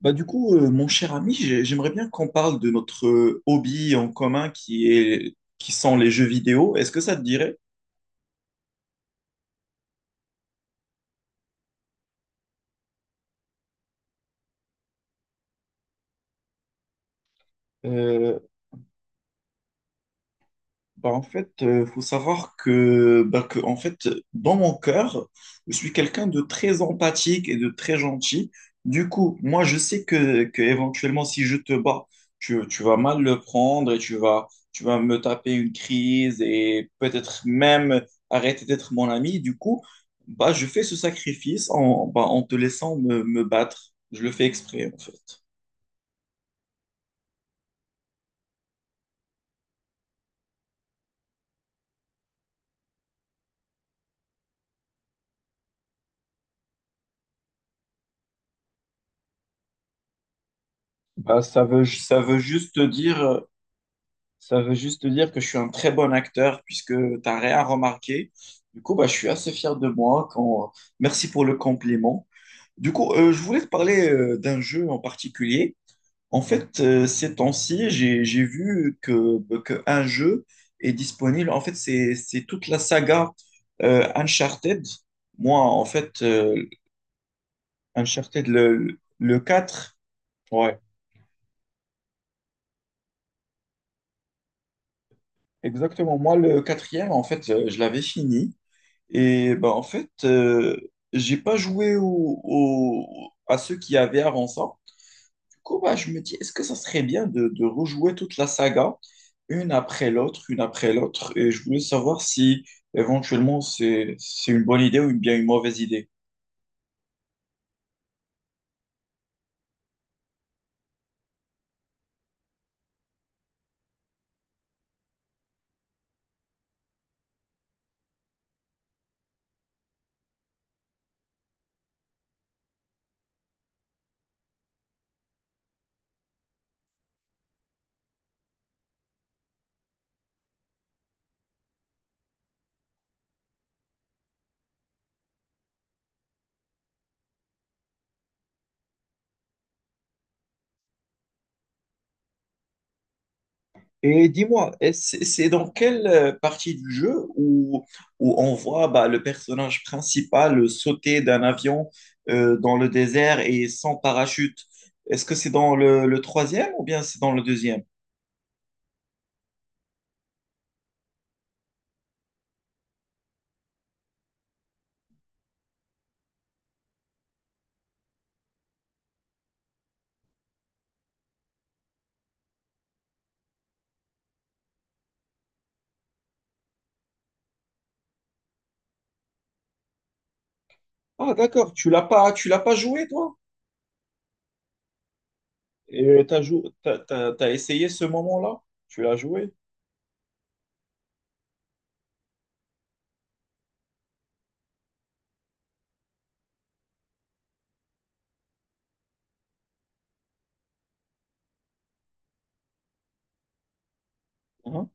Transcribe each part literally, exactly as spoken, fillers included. Bah du coup, euh, mon cher ami, j'ai- j'aimerais bien qu'on parle de notre euh, hobby en commun qui est, qui sont les jeux vidéo. Est-ce que ça te dirait? Euh, Bah, en fait, il faut savoir que, bah, que, en fait, dans mon cœur, je suis quelqu'un de très empathique et de très gentil. Du coup, moi, je sais que, que éventuellement, si je te bats, tu, tu vas mal le prendre et tu vas, tu vas me taper une crise et peut-être même arrêter d'être mon ami. Du coup, bah, je fais ce sacrifice en, bah, en te laissant me, me battre. Je le fais exprès, en fait. Bah, ça veut, ça veut juste te dire. Ça veut juste dire que je suis un très bon acteur puisque tu n'as rien remarqué. Du coup, bah, je suis assez fier de moi. Quand... Merci pour le compliment. Du coup, euh, je voulais te parler euh, d'un jeu en particulier. En fait, euh, ces temps-ci, j'ai, j'ai vu que, bah, que un jeu est disponible. En fait, c'est, c'est toute la saga euh, Uncharted. Moi, en fait, euh, Uncharted, le, le quatre. Ouais, exactement. Moi, le quatrième, en fait, euh, je l'avais fini. Et bah, en fait, euh, j'ai pas joué au, au- à ceux qui avaient avant ça. Du coup, bah, je me dis, est-ce que ça serait bien de, de rejouer toute la saga, une après l'autre, une après l'autre? Et je voulais savoir si éventuellement c'est, c'est une bonne idée ou bien une mauvaise idée. Et dis-moi, et c'est c'est dans quelle euh, partie du jeu où, où on voit bah, le personnage principal sauter d'un avion euh, dans le désert et sans parachute? Est-ce que c'est dans le, le troisième ou bien c'est dans le deuxième? Ah, d'accord, tu l'as pas, tu l'as pas joué, toi? Et t'as jou- t'as, t'as- t'as essayé ce moment-là? Tu l'as joué? Hein.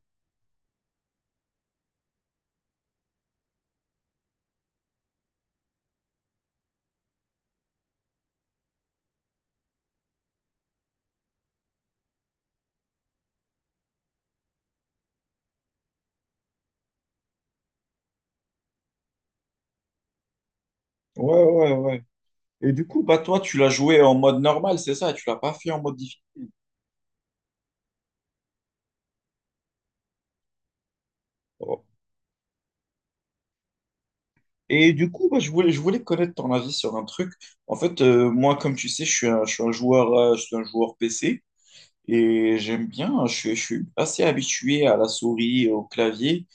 Ouais, ouais, ouais. Et du coup, bah, toi, tu l'as joué en mode normal, c'est ça? Tu l'as pas fait en mode difficile. Et du coup, bah, je voulais, je voulais connaître ton avis sur un truc. En fait, euh, moi, comme tu sais, je suis un, je suis un joueur, euh, je suis un joueur P C et j'aime bien, je suis, je suis assez habitué à la souris, au clavier.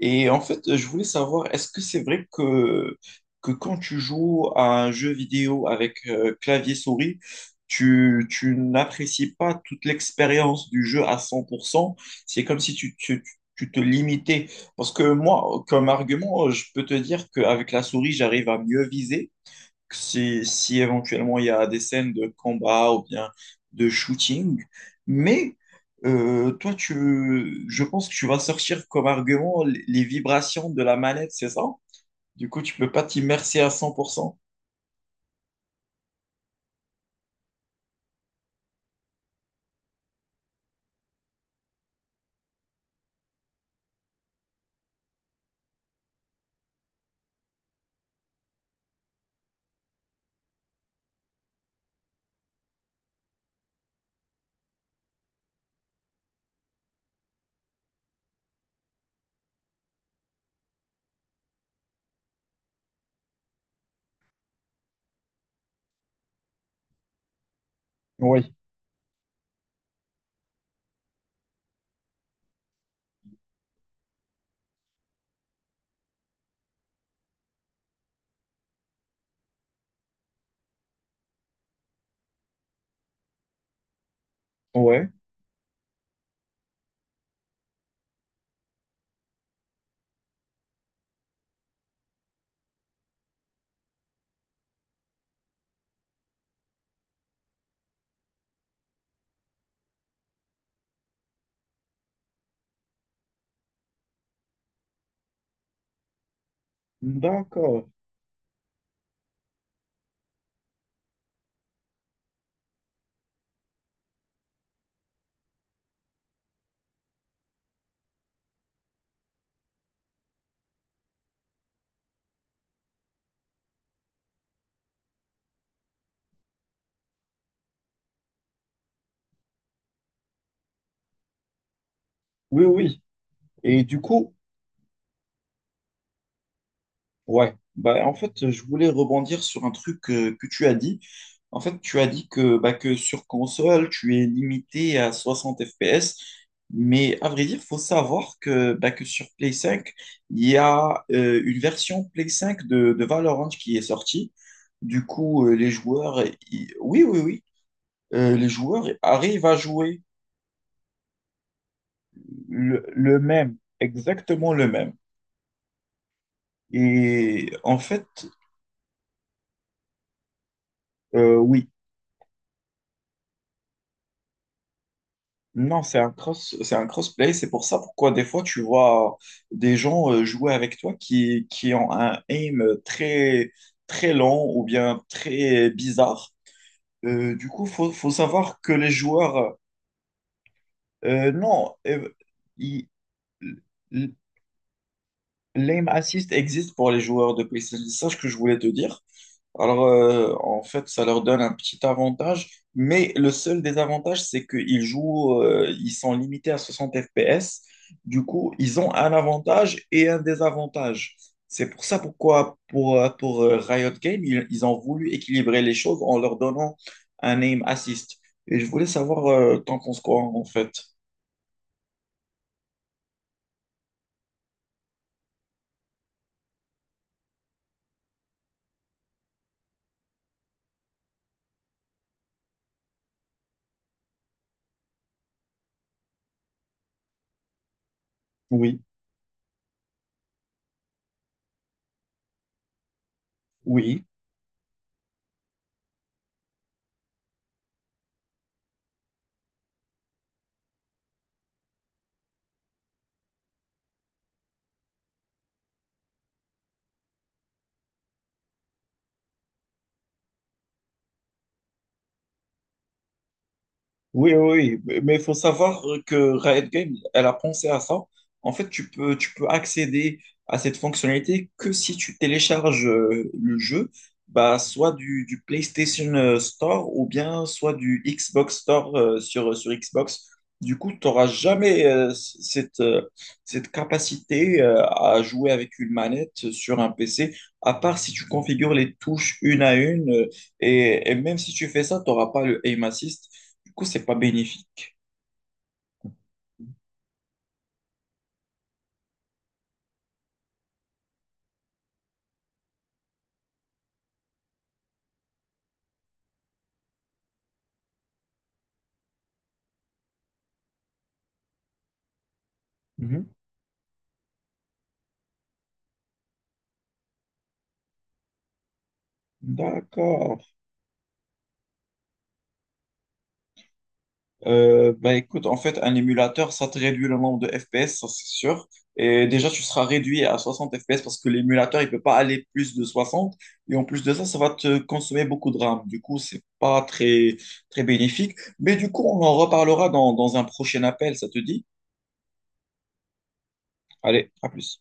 Et en fait, je voulais savoir, est-ce que c'est vrai que, que quand tu joues à un jeu vidéo avec euh, clavier-souris, tu, tu n'apprécies pas toute l'expérience du jeu à cent pour cent. C'est comme si tu, tu, tu te limitais. Parce que moi, comme argument, je peux te dire qu'avec la souris, j'arrive à mieux viser, si, si éventuellement il y a des scènes de combat ou bien de shooting. Mais euh, toi, tu, je pense que tu vas sortir comme argument les, les vibrations de la manette, c'est ça? Du coup, tu peux pas t'immerser à cent pour cent. Oui, ouais, d'accord. Oui, oui. Et du coup, ouais, bah, en fait, je voulais rebondir sur un truc euh, que tu as dit. En fait, tu as dit que, bah, que sur console, tu es limité à soixante F P S. Mais à vrai dire, faut savoir que, bah, que sur Play cinq, il y a euh, une version Play cinq de, de Valorant qui est sortie. Du coup, euh, les joueurs, ils- oui, oui, oui, euh, les joueurs arrivent à jouer le le même, exactement le même. Et en fait, euh, oui, non, c'est un cross, c'est un crossplay. C'est pour ça pourquoi des fois tu vois euh, des gens euh, jouer avec toi qui, qui ont un aim très, très lent ou bien très bizarre. Euh, du coup, faut, faut savoir que les joueurs, euh, non, euh, ils- l'aim assist existe pour les joueurs de PlayStation. C'est ça ce que je voulais te dire. Alors, euh, en fait, ça leur donne un petit avantage, mais le seul désavantage, c'est qu'ils jouent, euh, ils sont limités à soixante F P S. Du coup, ils ont un avantage et un désavantage. C'est pour ça pourquoi, pour, euh, pour euh, Riot Games, ils, ils ont voulu équilibrer les choses en leur donnant un aim assist. Et je voulais savoir, euh, t'en penses quoi, en fait? Oui, oui. Oui, oui, oui, mais il faut savoir que Riot Games, elle a pensé à ça. En fait, tu peux, tu peux accéder à cette fonctionnalité que si tu télécharges euh, le jeu, bah, soit du, du PlayStation euh, Store ou bien soit du Xbox Store euh, sur, sur Xbox. Du coup, tu n'auras jamais euh, c- cette, euh, cette capacité euh, à jouer avec une manette sur un P C, à part si tu configures les touches une à une. Euh, et, et même si tu fais ça, tu n'auras pas le aim assist. Du coup, c'est pas bénéfique. Mhm. D'accord. Euh, bah écoute, en fait, un émulateur, ça te réduit le nombre de F P S, ça c'est sûr. Et déjà, tu seras réduit à soixante F P S parce que l'émulateur, il peut pas aller plus de soixante. Et en plus de ça, ça va te consommer beaucoup de RAM. Du coup, c'est pas très, très bénéfique. Mais du coup, on en reparlera dans, dans un prochain appel, ça te dit? Allez, à plus.